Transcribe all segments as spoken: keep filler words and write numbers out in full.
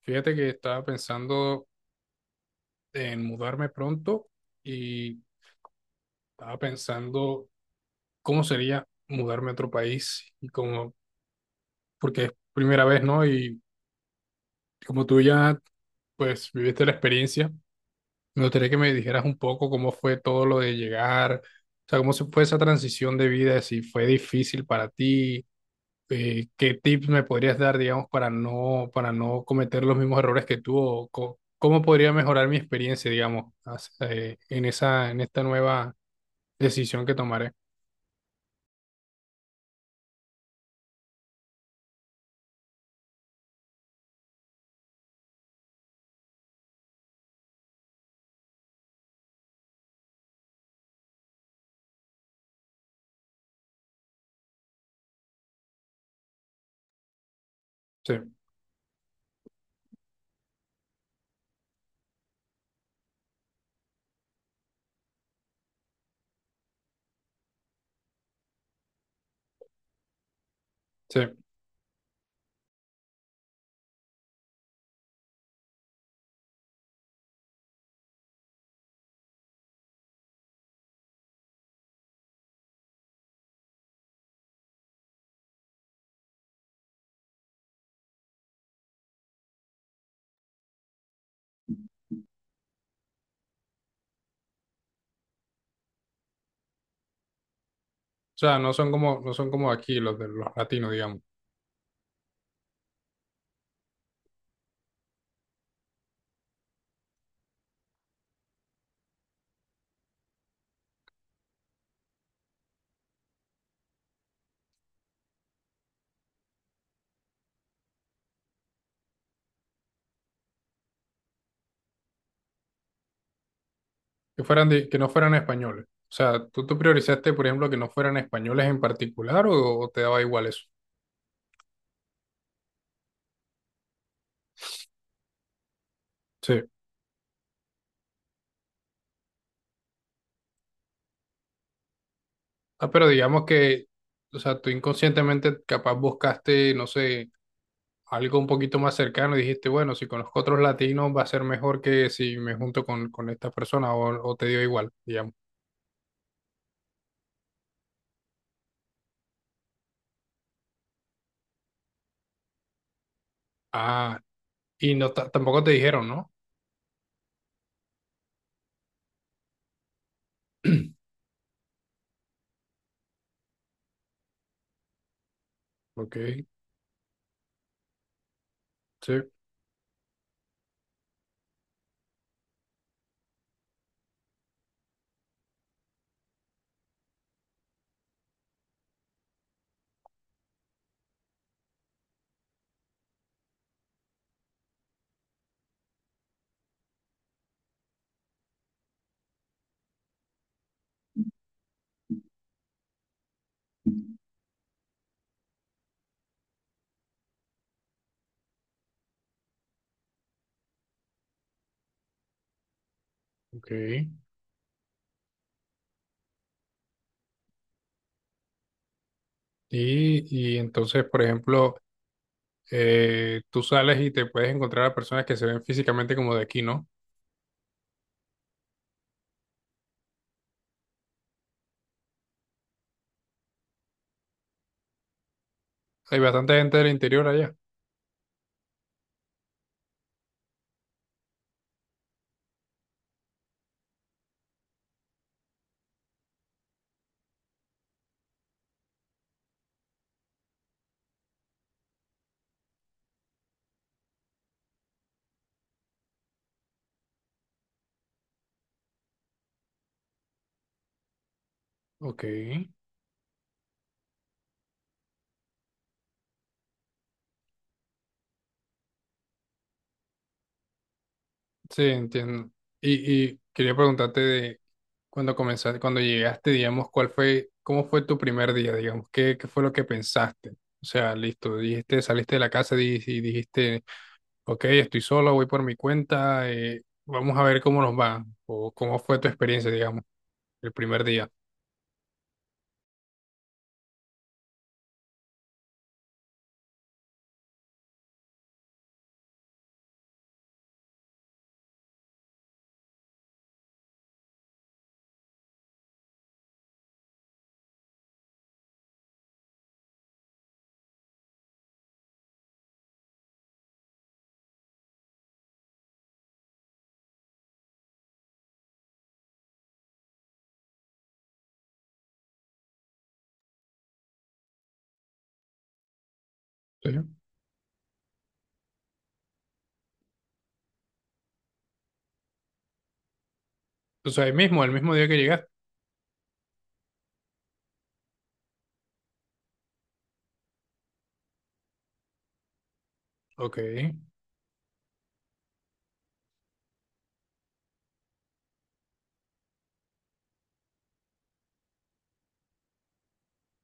Fíjate que estaba pensando en mudarme pronto y estaba pensando cómo sería mudarme a otro país y como, porque es primera vez, ¿no? Y como tú ya, pues, viviste la experiencia, me gustaría que me dijeras un poco cómo fue todo lo de llegar, o sea, cómo se fue esa transición de vida, si fue difícil para ti, eh, ¿qué tips me podrías dar, digamos, para no, para no cometer los mismos errores que tú? O co- ¿Cómo podría mejorar mi experiencia, digamos, as- eh, en esa, en esta nueva decisión que tomaré? Sí, sí. O sea, no son como, no son como aquí los de los latinos, digamos, que fueran de- que no fueran españoles. O sea, ¿tú, ¿tú priorizaste, por ejemplo, que no fueran españoles en particular o, o te daba igual eso? Sí. Ah, pero digamos que, o sea, tú inconscientemente capaz buscaste, no sé, algo un poquito más cercano y dijiste, bueno, si conozco otros latinos va a ser mejor que si me junto con, con esta persona o, o te dio igual, digamos. Ah, y no ta- tampoco te dijeron, ¿no? Ok, sí, ok. Y, y entonces, por ejemplo, eh, tú sales y te puedes encontrar a personas que se ven físicamente como de aquí, ¿no? Hay bastante gente del interior allá. Ok. Sí, entiendo. Y, y quería preguntarte de cuando comenzaste, cuando llegaste, digamos, ¿cuál fue, ¿cómo fue tu primer día, digamos? ¿Qué, ¿qué fue lo que pensaste? O sea, listo, dijiste, saliste de la casa di- y dijiste, ok, estoy solo, voy por mi cuenta, eh, vamos a ver cómo nos va, o cómo fue tu experiencia, digamos, el primer día. Sí. O sea, el mismo, el mismo día que llegaste. Ok.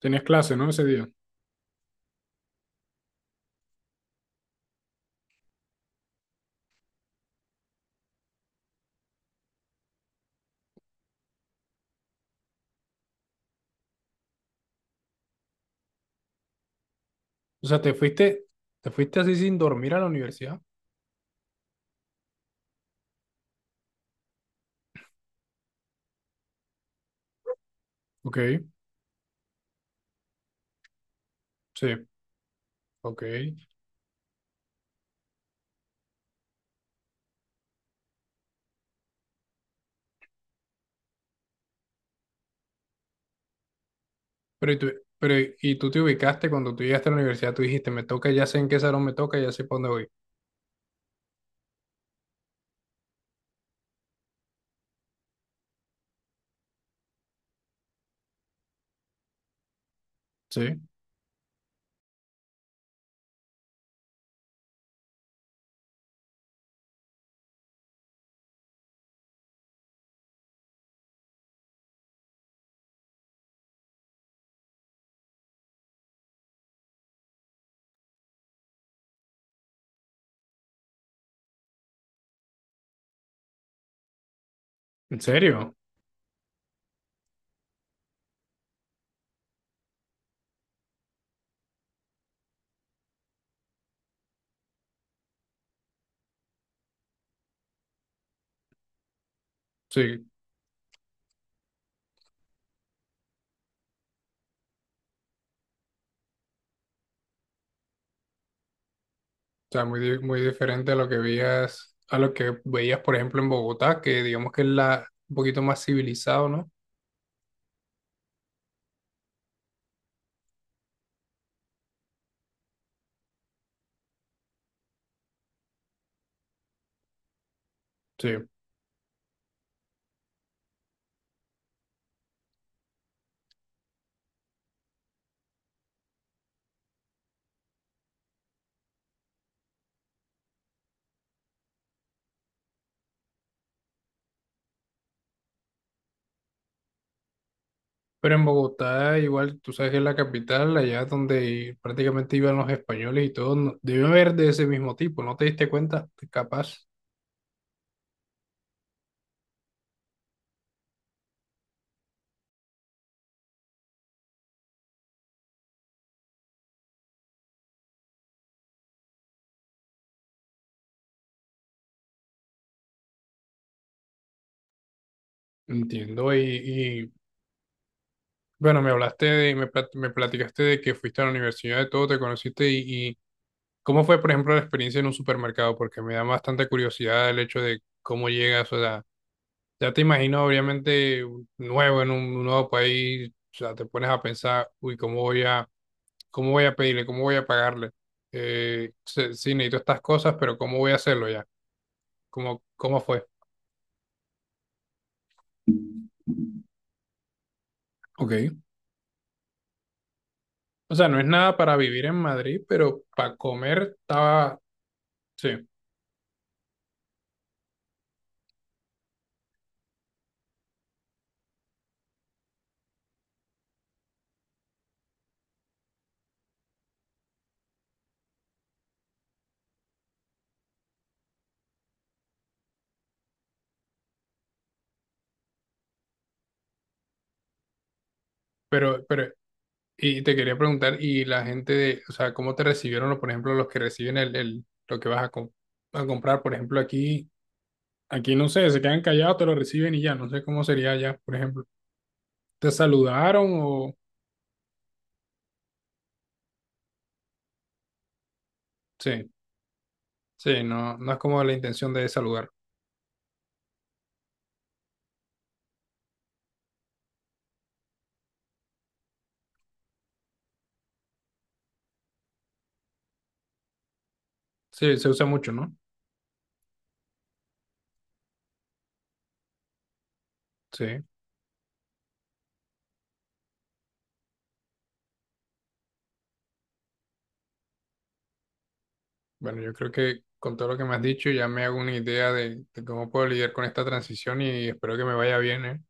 Tenías clase, ¿no? Ese día. O sea, te fuiste, te fuiste así sin dormir a la universidad. Ok, sí, ok. Pero, y tú, pero y tú te ubicaste cuando tú llegaste a la universidad, tú dijiste, me toca, ya sé en qué salón me toca, ya sé para dónde voy. ¿Sí? ¿En serio? Sí. O sea, muy, di- muy diferente a lo que veías, a lo que veías, por ejemplo, en Bogotá, que digamos que es la, un poquito más civilizado, ¿no? Sí. Pero en Bogotá, igual, tú sabes que es la capital, allá donde prácticamente iban los españoles y todo, no- debe haber de ese mismo tipo, ¿no te diste cuenta? Capaz. Entiendo, y, bueno, me hablaste de, me, plat- me platicaste de que fuiste a la universidad, de todo, te conociste y, y cómo fue, por ejemplo, la experiencia en un supermercado, porque me da bastante curiosidad el hecho de cómo llegas, o sea, ya te imagino, obviamente, nuevo en un nuevo país, o sea, te pones a pensar, uy, ¿cómo voy a, ¿cómo voy a pedirle, cómo voy a pagarle? Eh, se- sí, necesito estas cosas, pero ¿cómo voy a hacerlo ya? ¿Cómo, ¿cómo fue? Ok. O sea, no es nada para vivir en Madrid, pero para comer estaba, sí. Pero, pero y te quería preguntar, y la gente de, o sea, ¿cómo te recibieron, o, por ejemplo, los que reciben el, el- lo que vas a, com- a comprar? Por ejemplo, aquí, aquí no sé, se quedan callados, te lo reciben y ya, no sé cómo sería allá, por ejemplo. ¿Te saludaron o...? Sí, sí, no, no es como la intención de saludar. Sí, se usa mucho, ¿no? Sí. Bueno, yo creo que con todo lo que me has dicho ya me hago una idea de, de cómo puedo lidiar con esta transición y espero que me vaya bien, ¿eh?